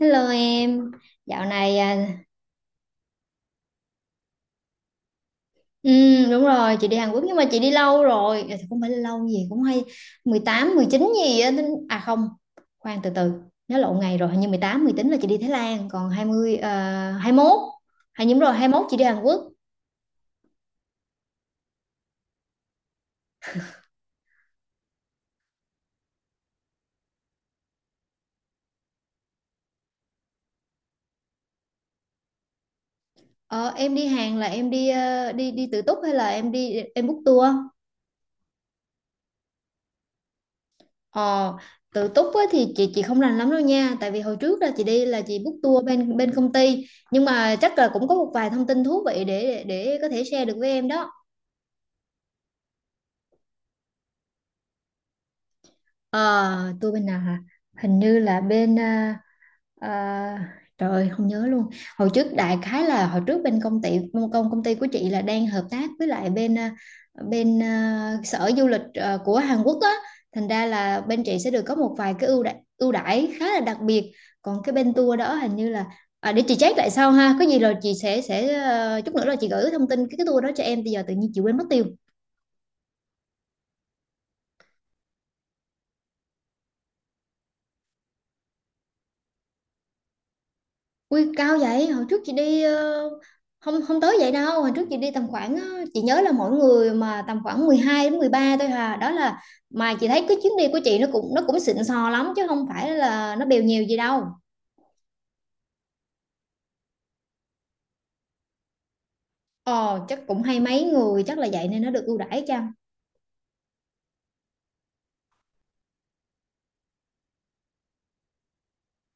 Hello em, dạo này à, đúng rồi chị đi Hàn Quốc nhưng mà chị đi lâu rồi. À, thì không phải lâu gì cũng hay 18, 19 gì á, à không, khoan từ từ, nhớ lộn ngày rồi, hình như 18, 19 là chị đi Thái Lan, còn 20 hai mốt hay đúng rồi hai mốt chị đi Hàn Quốc. Ờ, em đi Hàn là em đi ờ, đi đi tự túc hay là em đi em book tour? Ờ, tự túc á, thì chị không rành lắm đâu nha, tại vì hồi trước là chị đi là chị book tour bên bên công ty, nhưng mà chắc là cũng có một vài thông tin thú vị để có thể share được với em đó. Ờ, tôi bên nào hả? Hình như là à, trời ơi, không nhớ luôn. Hồi trước đại khái là hồi trước bên công ty, công công ty của chị là đang hợp tác với lại sở du lịch à, của Hàn Quốc á, thành ra là bên chị sẽ được có một vài cái ưu đãi khá là đặc biệt. Còn cái bên tour đó hình như là à, để chị check lại sau ha. Có gì rồi chị sẽ à, chút nữa là chị gửi thông tin cái tour đó cho em. Bây giờ tự nhiên chị quên mất tiêu. Ui cao vậy, hồi trước chị đi không không tới vậy đâu, hồi trước chị đi tầm khoảng chị nhớ là mỗi người mà tầm khoảng 12 đến 13 thôi hà, đó là mà chị thấy cái chuyến đi của chị nó cũng xịn sò lắm chứ không phải là nó bèo nhiều gì đâu. Ờ chắc cũng hay mấy người chắc là vậy nên nó được ưu đãi chăng.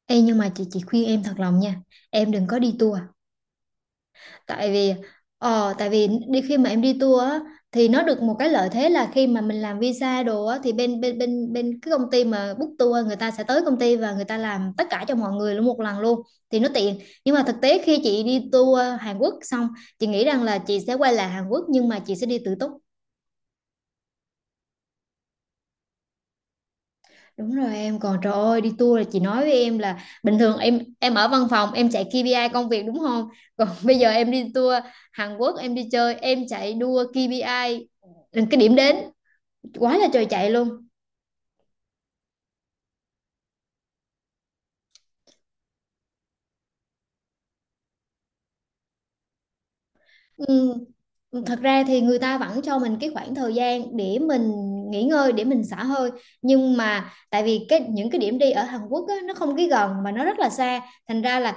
Ê nhưng mà chị khuyên em thật lòng nha, em đừng có đi tour, tại vì ờ tại vì đi khi mà em đi tour á thì nó được một cái lợi thế là khi mà mình làm visa đồ á thì bên bên bên bên cái công ty mà book tour người ta sẽ tới công ty và người ta làm tất cả cho mọi người luôn một lần luôn thì nó tiện, nhưng mà thực tế khi chị đi tour Hàn Quốc xong chị nghĩ rằng là chị sẽ quay lại Hàn Quốc nhưng mà chị sẽ đi tự túc. Đúng rồi em, còn trời ơi đi tour là chị nói với em là bình thường em ở văn phòng em chạy KPI công việc đúng không? Còn bây giờ em đi tour Hàn Quốc em đi chơi em chạy đua KPI cái điểm đến quá là trời chạy luôn. Ừ, thật ra thì người ta vẫn cho mình cái khoảng thời gian để mình nghỉ ngơi để mình xả hơi, nhưng mà tại vì những cái điểm đi ở Hàn Quốc á, nó không cái gần mà nó rất là xa, thành ra là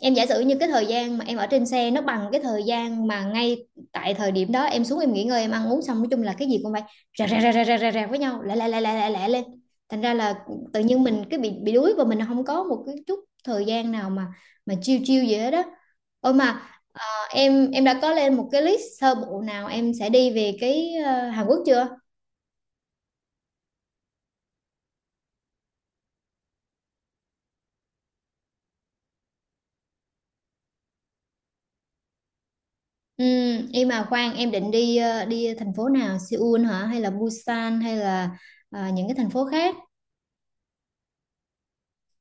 em giả sử như cái thời gian mà em ở trên xe nó bằng cái thời gian mà ngay tại thời điểm đó em xuống em nghỉ ngơi em ăn uống xong, nói chung là cái gì cũng phải rà với nhau lẹ lẹ lẹ lẹ lẹ lẹ lên, thành ra là tự nhiên mình cái bị đuối và mình không có một cái chút thời gian nào mà chill chill gì hết đó. Ôi mà à, em đã có lên một cái list sơ bộ nào em sẽ đi về cái Hàn Quốc chưa? Ừ, em mà khoan em định đi đi thành phố nào, Seoul hả hay là Busan hay là à, những cái thành phố khác?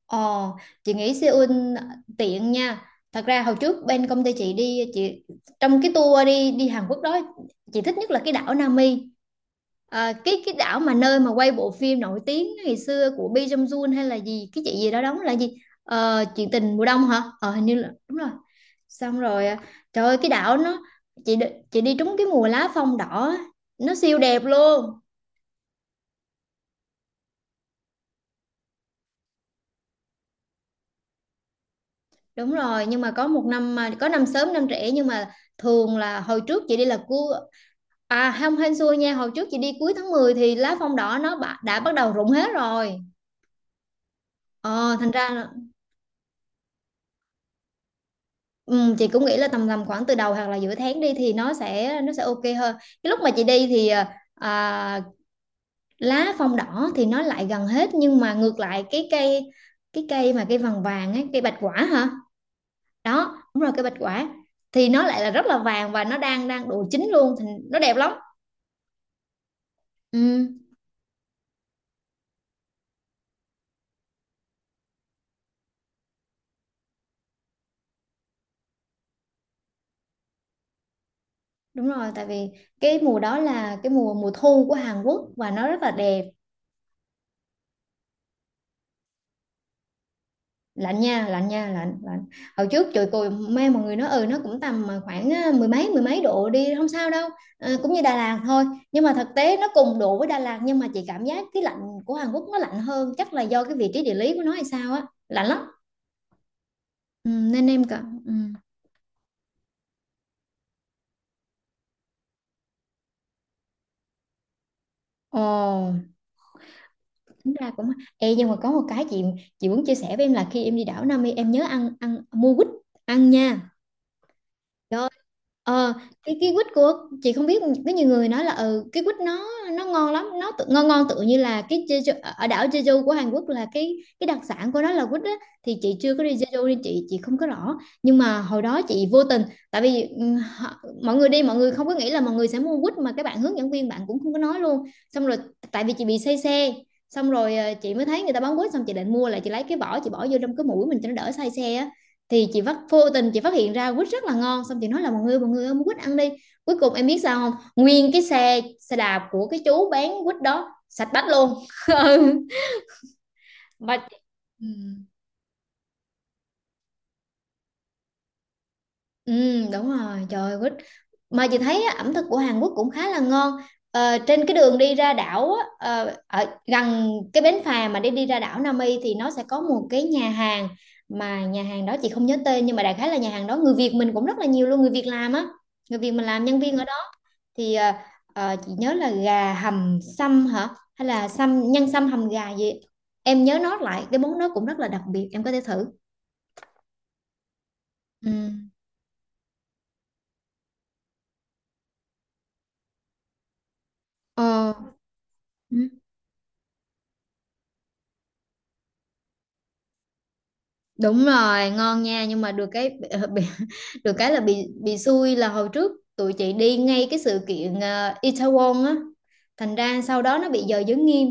Ồ, chị nghĩ Seoul tiện nha. Thật ra hồi trước bên công ty chị đi, chị trong cái tour đi đi Hàn Quốc đó chị thích nhất là cái đảo Nami. À, cái đảo mà nơi mà quay bộ phim nổi tiếng ngày xưa của Lee Jong Jun hay là gì, cái chị gì đó đóng là gì? Ờ, chuyện tình mùa đông hả? Ờ hình như là đúng rồi. Xong rồi à, trời ơi cái đảo nó chị đi- chị đi trúng cái mùa lá phong đỏ á, nó siêu đẹp luôn. Đúng rồi, nhưng mà có một năm mà có năm sớm năm trễ, nhưng mà thường là hồi trước chị đi là cua à không hên xui nha, hồi trước chị đi cuối tháng 10 thì lá phong đỏ nó đã bắt đầu rụng hết rồi. Ờ thành ra là ừ, chị cũng nghĩ là tầm tầm khoảng từ đầu hoặc là giữa tháng đi thì nó sẽ ok hơn. Cái lúc mà chị đi thì à, lá phong đỏ thì nó lại gần hết, nhưng mà ngược lại cái cây, cái cây mà cây vàng vàng ấy, cây bạch quả hả? Đó, đúng rồi cây bạch quả thì nó lại là rất là vàng và nó đang đang độ chín luôn thì nó đẹp lắm. Ừ, đúng rồi tại vì cái mùa đó là cái mùa mùa thu của Hàn Quốc và nó rất là đẹp. Lạnh nha lạnh nha lạnh lạnh hồi trước trời tôi mê mọi người nói ừ nó cũng tầm mà khoảng à, mười mấy độ đi không sao đâu, à, cũng như Đà Lạt thôi, nhưng mà thực tế nó cùng độ với Đà Lạt nhưng mà chị cảm giác cái lạnh của Hàn Quốc nó lạnh hơn, chắc là do cái vị trí địa lý của nó hay sao á, lạnh lắm. Ừ, nên em cảm ừ. Ồ, tính ra cũng. Ê, nhưng mà có một cái chị muốn chia sẻ với em là khi em đi đảo Nam Mi em nhớ ăn ăn mua quýt ăn nha. Rồi. Ờ, cái quýt của chị, không biết có nhiều người nói là ừ, cái quýt nó ngon lắm nó tự, ngon ngon tự như là cái Jeju, ở đảo Jeju của Hàn Quốc là cái đặc sản của nó là quýt á, thì chị chưa có đi Jeju nên chị không có rõ, nhưng mà hồi đó chị vô tình, tại vì ừ, mọi người đi mọi người không có nghĩ là mọi người sẽ mua quýt mà các bạn hướng dẫn viên bạn cũng không có nói luôn, xong rồi tại vì chị bị say xe, xong rồi ờ, chị mới thấy người ta bán quýt, xong chị định mua là chị lấy cái vỏ chị bỏ vô trong cái mũi mình cho nó đỡ say xe á, thì chị phát vô tình chị phát hiện ra quýt rất là ngon, xong chị nói là mọi người ơi mua quýt ăn đi, cuối cùng em biết sao không, nguyên cái xe xe đạp của cái chú bán quýt đó sạch bách luôn. Ừ. Mà ừ. Ừ, đúng rồi, trời ơi, quýt. Mà chị thấy á, ẩm thực của Hàn Quốc cũng khá là ngon. Ờ, trên cái đường đi ra đảo á, ờ, ở gần cái bến phà mà để đi ra đảo Nam Y thì nó sẽ có một cái nhà hàng, mà nhà hàng đó chị không nhớ tên, nhưng mà đại khái là nhà hàng đó người Việt mình cũng rất là nhiều luôn, người Việt làm á, người Việt mình làm nhân viên ở. Thì chị nhớ là gà hầm sâm hả, hay là sâm nhân sâm hầm gà gì, em nhớ nó lại cái món đó cũng rất là đặc biệt em có thể thử. Ừ. Ờ, ừ, đúng rồi, ngon nha, nhưng mà được cái bị, được cái là bị xui là hồi trước tụi chị đi ngay cái sự kiện Itaewon á, thành ra sau đó nó bị giờ giới nghiêm.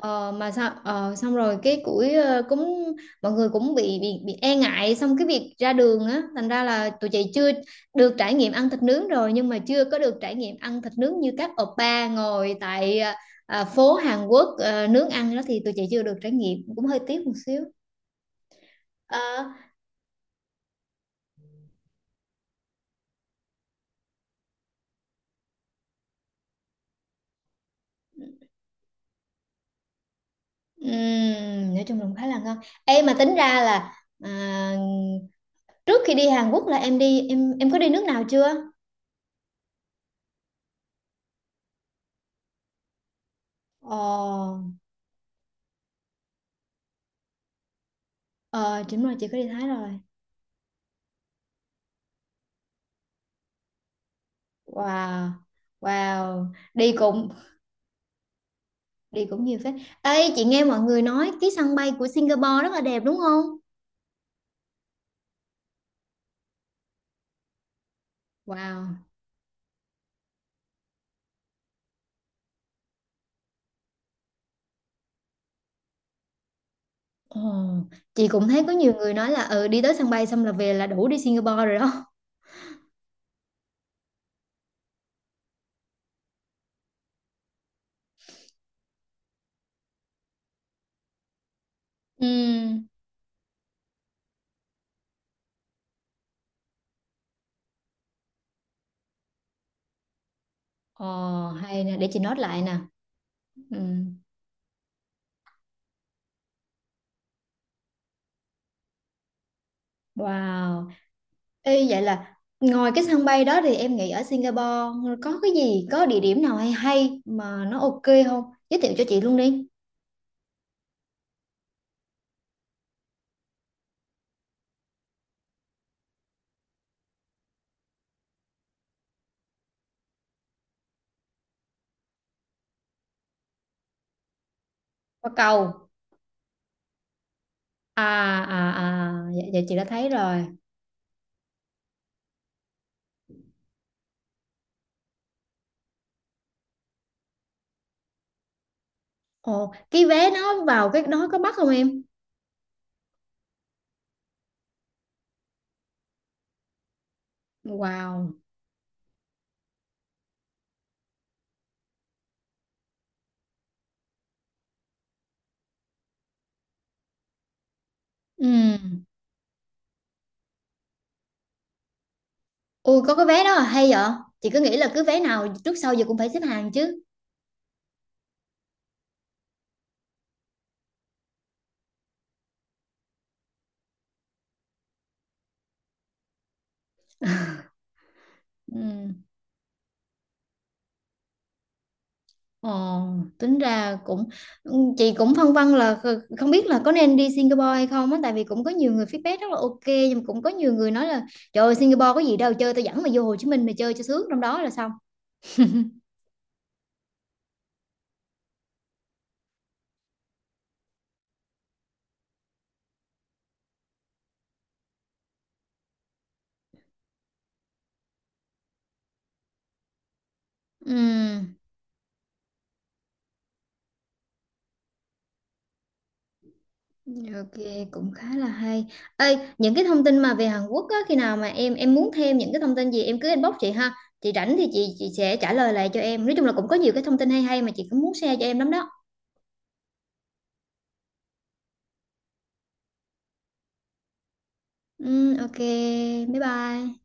Ờ, mà sao ờ, xong rồi cái củi ờ, cũng mọi người cũng bị e ngại xong cái việc ra đường á, thành ra là tụi chị chưa được trải nghiệm ăn thịt nướng rồi, nhưng mà chưa có được trải nghiệm ăn thịt nướng như các oppa ngồi tại ờ, phố Hàn Quốc ờ, nướng ăn đó thì tụi chị chưa được trải nghiệm, cũng hơi tiếc một xíu. Ờ, nói chung là cũng khá là ngon. Ê mà tính ra là à, trước khi đi Hàn Quốc là em đi em, có đi nước nào chưa? Ờ, ờ, chính rồi chị có đi Thái rồi. Wow, wow, đi cũng đi cũng nhiều phết. Ê, chị nghe mọi người nói cái sân bay của Singapore rất là đẹp đúng không? Wow. Ồ, chị cũng thấy có nhiều người nói là ừ đi tới sân bay xong là về là đủ đi Singapore rồi đó. Ừ. Ồ, hay nè, để chị note lại nè. Ừ. Wow. Ê, vậy là ngoài cái sân bay đó thì em nghĩ ở Singapore có cái gì, có địa điểm nào hay hay mà nó ok không? Giới thiệu cho chị luôn đi. Qua cầu. À à à dạ, dạ chị đã thấy rồi. Ồ cái vé nó vào cái đó có bắt không em? Wow. Ừ. Ui có cái vé đó là hay vậy, chị cứ nghĩ là cứ vé nào trước sau giờ cũng phải xếp hàng chứ. Ừ. Ồ, tính ra cũng, chị cũng phân vân là không biết là có nên đi Singapore hay không á, tại vì cũng có nhiều người feedback rất là ok, nhưng mà cũng có nhiều người nói là trời ơi Singapore có gì đâu chơi, tao dẫn mày vô Hồ Chí Minh mày chơi cho sướng trong đó là xong. Ừ. Ok, cũng khá là hay. Ê, những cái thông tin mà về Hàn Quốc á, khi nào mà em muốn thêm những cái thông tin gì em cứ inbox chị ha. Chị rảnh thì chị sẽ trả lời lại cho em. Nói chung là cũng có nhiều cái thông tin hay hay mà chị cũng muốn share cho em lắm đó. Ừ, ok, bye bye.